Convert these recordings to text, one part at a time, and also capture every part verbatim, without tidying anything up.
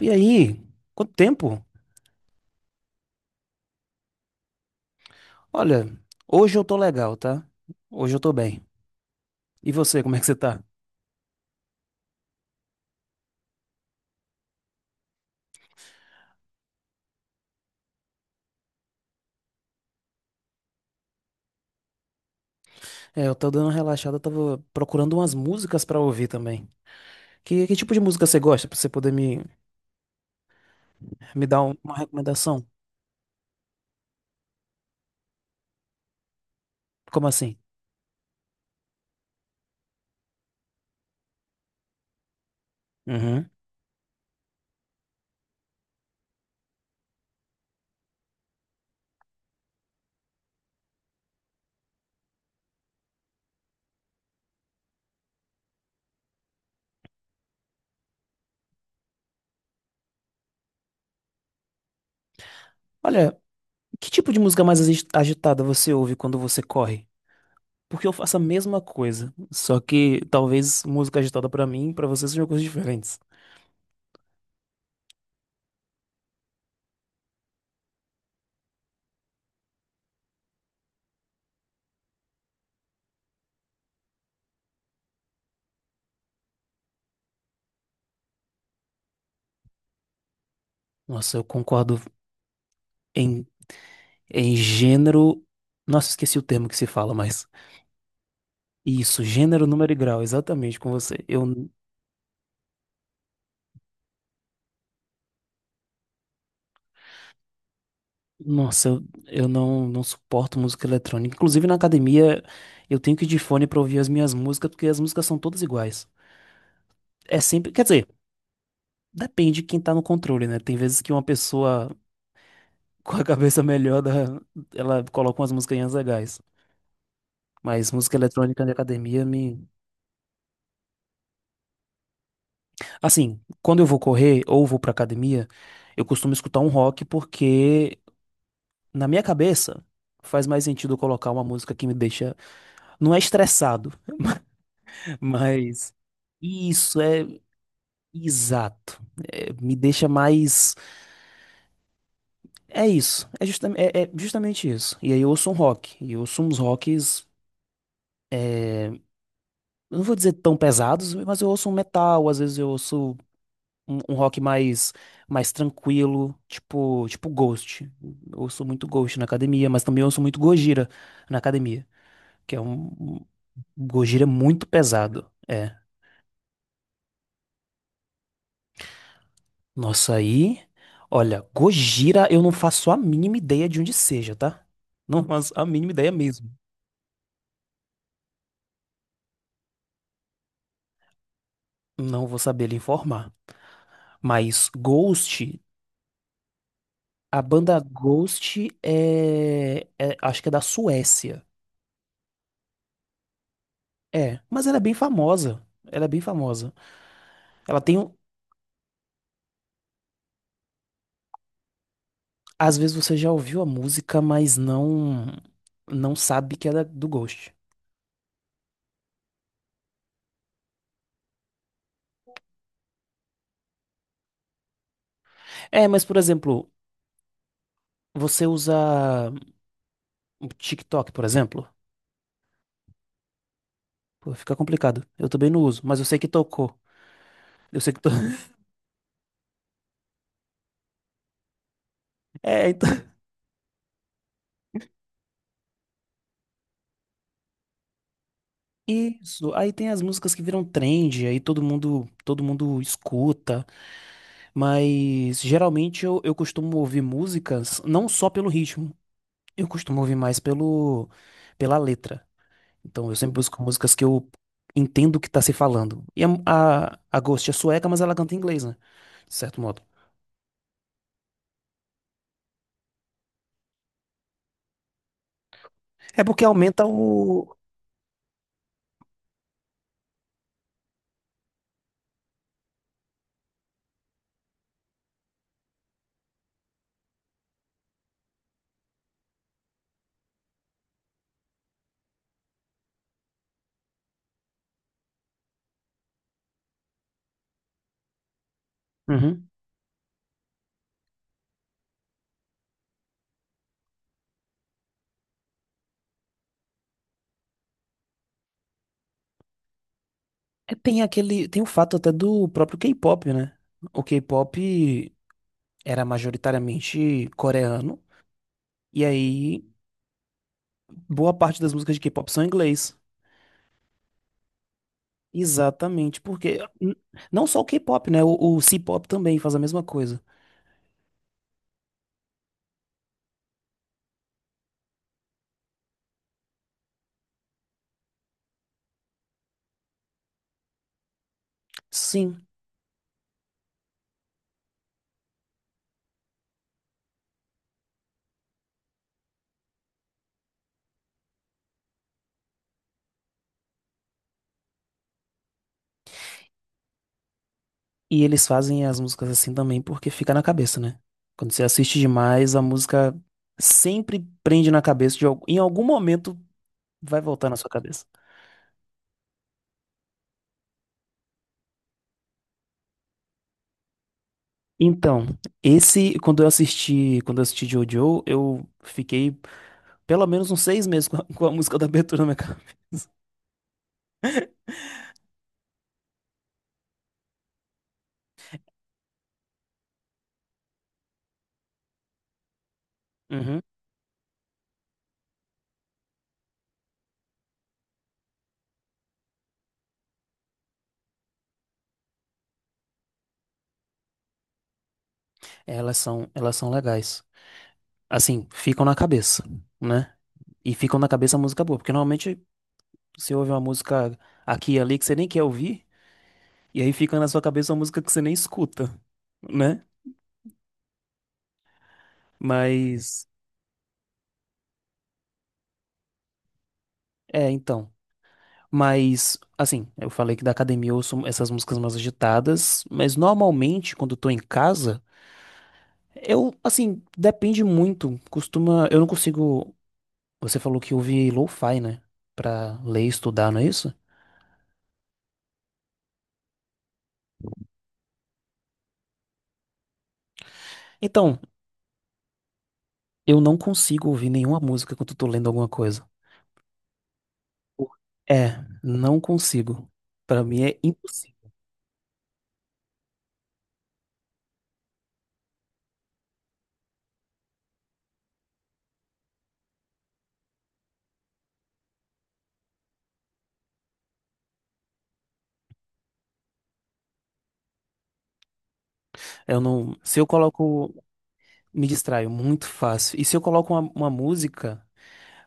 E aí? Quanto tempo? Olha, hoje eu tô legal, tá? Hoje eu tô bem. E você, como é que você tá? É, eu tô dando uma relaxada, eu tava procurando umas músicas pra ouvir também. Que, que tipo de música você gosta, pra você poder me, me dar um- uma recomendação? Como assim? Uhum. Olha, que tipo de música mais agi- agitada você ouve quando você corre? Porque eu faço a mesma coisa, só que talvez música agitada pra mim e pra você sejam coisas diferentes. Nossa, eu concordo em É Em gênero. Nossa, esqueci o termo que se fala, mas. Isso, gênero, número e grau, exatamente com você. Eu. Nossa, eu, eu não, não suporto música eletrônica. Inclusive na academia, eu tenho que ir de fone pra ouvir as minhas músicas, porque as músicas são todas iguais. É sempre. Quer dizer, depende de quem tá no controle, né? Tem vezes que uma pessoa com a cabeça melhor, da, ela coloca umas musiquinhas legais. Mas música eletrônica na academia me. Assim, quando eu vou correr ou vou pra academia. Eu costumo escutar um rock porque, Na minha cabeça, faz mais sentido eu colocar uma música que me deixa. Não é estressado, mas. Isso é exato. É, me deixa mais. É isso. É, justam- é- é justamente isso. E aí eu ouço um rock. E eu ouço uns rocks. eu Não vou dizer tão pesados, mas eu ouço um metal. Às vezes eu ouço um, um rock mais, mais tranquilo, tipo, tipo Ghost. Eu ouço muito Ghost na academia, mas também ouço muito Gojira na academia, que é um um Gojira é muito pesado. É, Nossa, aí. Olha, Gojira, eu não faço a mínima ideia de onde seja, tá? Não faço a mínima ideia mesmo. Não vou saber lhe informar. Mas Ghost, a banda Ghost, é, é- Acho que é da Suécia. É, mas ela é bem famosa. Ela é bem famosa. Ela tem. um- Às vezes você já ouviu a música, mas não. Não sabe que ela é do Ghost. É, mas por exemplo, você usa o TikTok, por exemplo. Pô, fica complicado. Eu também não uso, mas eu sei que tocou. Eu sei que to... É, então. Isso. Aí tem as músicas que viram trend, aí todo mundo, todo mundo escuta, mas geralmente eu, eu costumo ouvir músicas não só pelo ritmo, eu costumo ouvir mais pelo pela letra. Então eu sempre busco músicas que eu entendo o que tá se falando. E a, a, a Ghost é sueca, mas ela canta em inglês, né? De certo modo. É porque aumenta o. Uhum. É, tem aquele. Tem o fato até do próprio K-pop, né? O K-pop era majoritariamente coreano. E aí, boa parte das músicas de K-pop são em inglês. Exatamente, porque n- não só o K-pop, né? O, o C-pop também faz a mesma coisa. Sim. E eles fazem as músicas assim também porque fica na cabeça, né? Quando você assiste demais, a música sempre prende na cabeça, de, al- em algum momento vai voltar na sua cabeça. Então, esse, quando eu assisti, quando eu assisti Jojo, eu fiquei pelo menos uns seis meses com a, com a música da abertura na minha cabeça. Uhum. Elas são, elas são legais. Assim, ficam na cabeça, né? E ficam na cabeça a música boa, porque normalmente você ouve uma música aqui e ali que você nem quer ouvir, E aí fica na sua cabeça uma música que você nem escuta, né? Mas. É, então. Mas, assim, eu falei que da academia eu ouço essas músicas mais agitadas, mas normalmente quando eu tô em casa, eu, assim, depende muito. Costuma. Eu não consigo. Você falou que ouve lo-fi, né? Pra ler e estudar, não é isso? Então, eu não consigo ouvir nenhuma música quando eu tô lendo alguma coisa. Por- É, não consigo. Pra mim é impossível. Eu não. Se eu coloco. Me distraio muito fácil. E se eu coloco uma, uma música,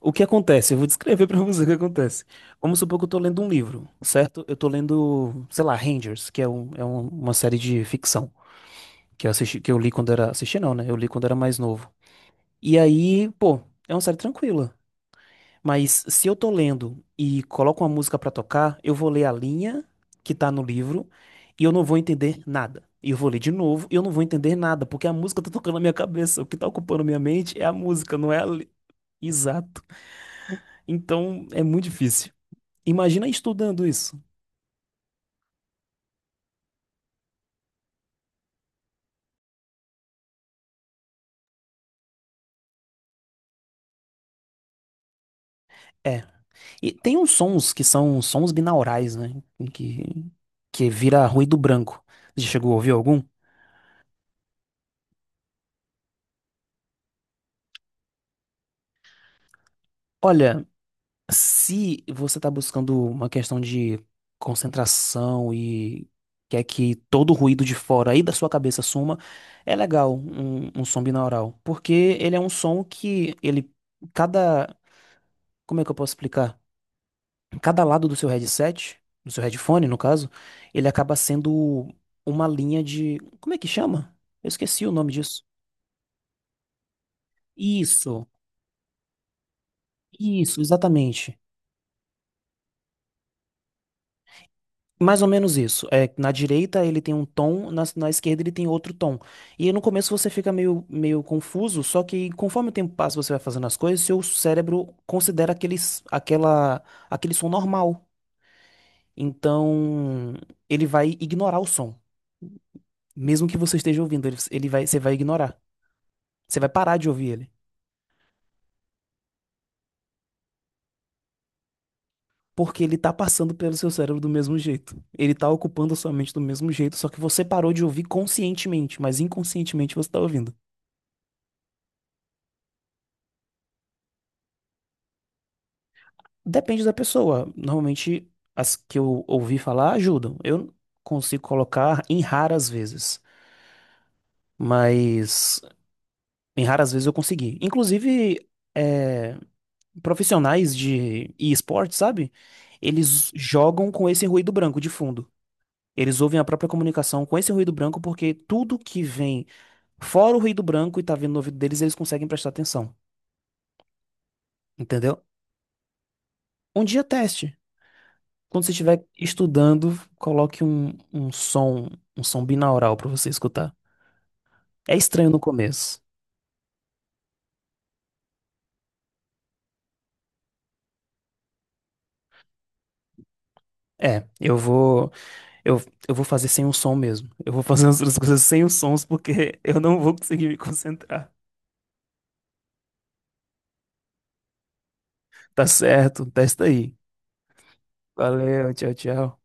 o que acontece? Eu vou descrever pra você o que acontece. Vamos supor que eu tô lendo um livro, certo? Eu tô lendo, sei lá, Rangers, que é, um, é um- uma série de ficção que eu assisti, que eu li quando era, assisti não, né? Eu li quando era mais novo. E aí, pô, é uma série tranquila. Mas se eu tô lendo e coloco uma música pra tocar, eu vou ler a linha que tá no livro e eu não vou entender nada. E eu vou ler de novo e eu não vou entender nada, porque a música tá tocando na minha cabeça. O que tá ocupando minha mente é a música, não é a... li- Exato. Então é muito difícil. Imagina estudando isso. É. E tem uns sons que são sons binaurais, né? Que, que vira ruído branco. Você chegou a ouvir algum? Olha. Se você está buscando uma questão de concentração e quer que todo o ruído de fora aí da sua cabeça suma, é legal um, um som binaural, porque ele é um som que ele cada, como é que eu posso explicar? Cada lado do seu headset, do seu headphone, no caso, ele acaba sendo uma linha de, como é que chama? Eu esqueci o nome disso. Isso, isso, exatamente. Mais ou menos isso. É, na direita ele tem um tom, na, na esquerda ele tem outro tom. E no começo você fica meio, meio confuso, só que conforme o tempo passa, você vai fazendo as coisas, seu cérebro considera aqueles, aquela, aquele som normal. Então ele vai ignorar o som. Mesmo que você esteja ouvindo, ele, ele vai, você vai ignorar. Você vai parar de ouvir ele. Porque ele tá passando pelo seu cérebro do mesmo jeito. Ele tá ocupando a sua mente do mesmo jeito, só que você parou de ouvir conscientemente, mas inconscientemente você tá ouvindo. Depende da pessoa. Normalmente, as que eu ouvi falar ajudam. Eu consigo colocar em raras vezes, mas em raras vezes eu consegui. Inclusive, é, profissionais de e-sport, sabe? Eles jogam com esse ruído branco de fundo. Eles ouvem a própria comunicação com esse ruído branco porque tudo que vem fora o ruído branco e tá vindo no ouvido deles, eles conseguem prestar atenção. Entendeu? Um dia teste. Quando você estiver estudando, coloque um, um som, um som binaural para você escutar. É estranho no começo. É, eu vou, eu, eu vou fazer sem o som mesmo. Eu vou fazer as outras coisas sem os sons porque eu não vou conseguir me concentrar. Tá certo, testa aí. Valeu, tchau, tchau.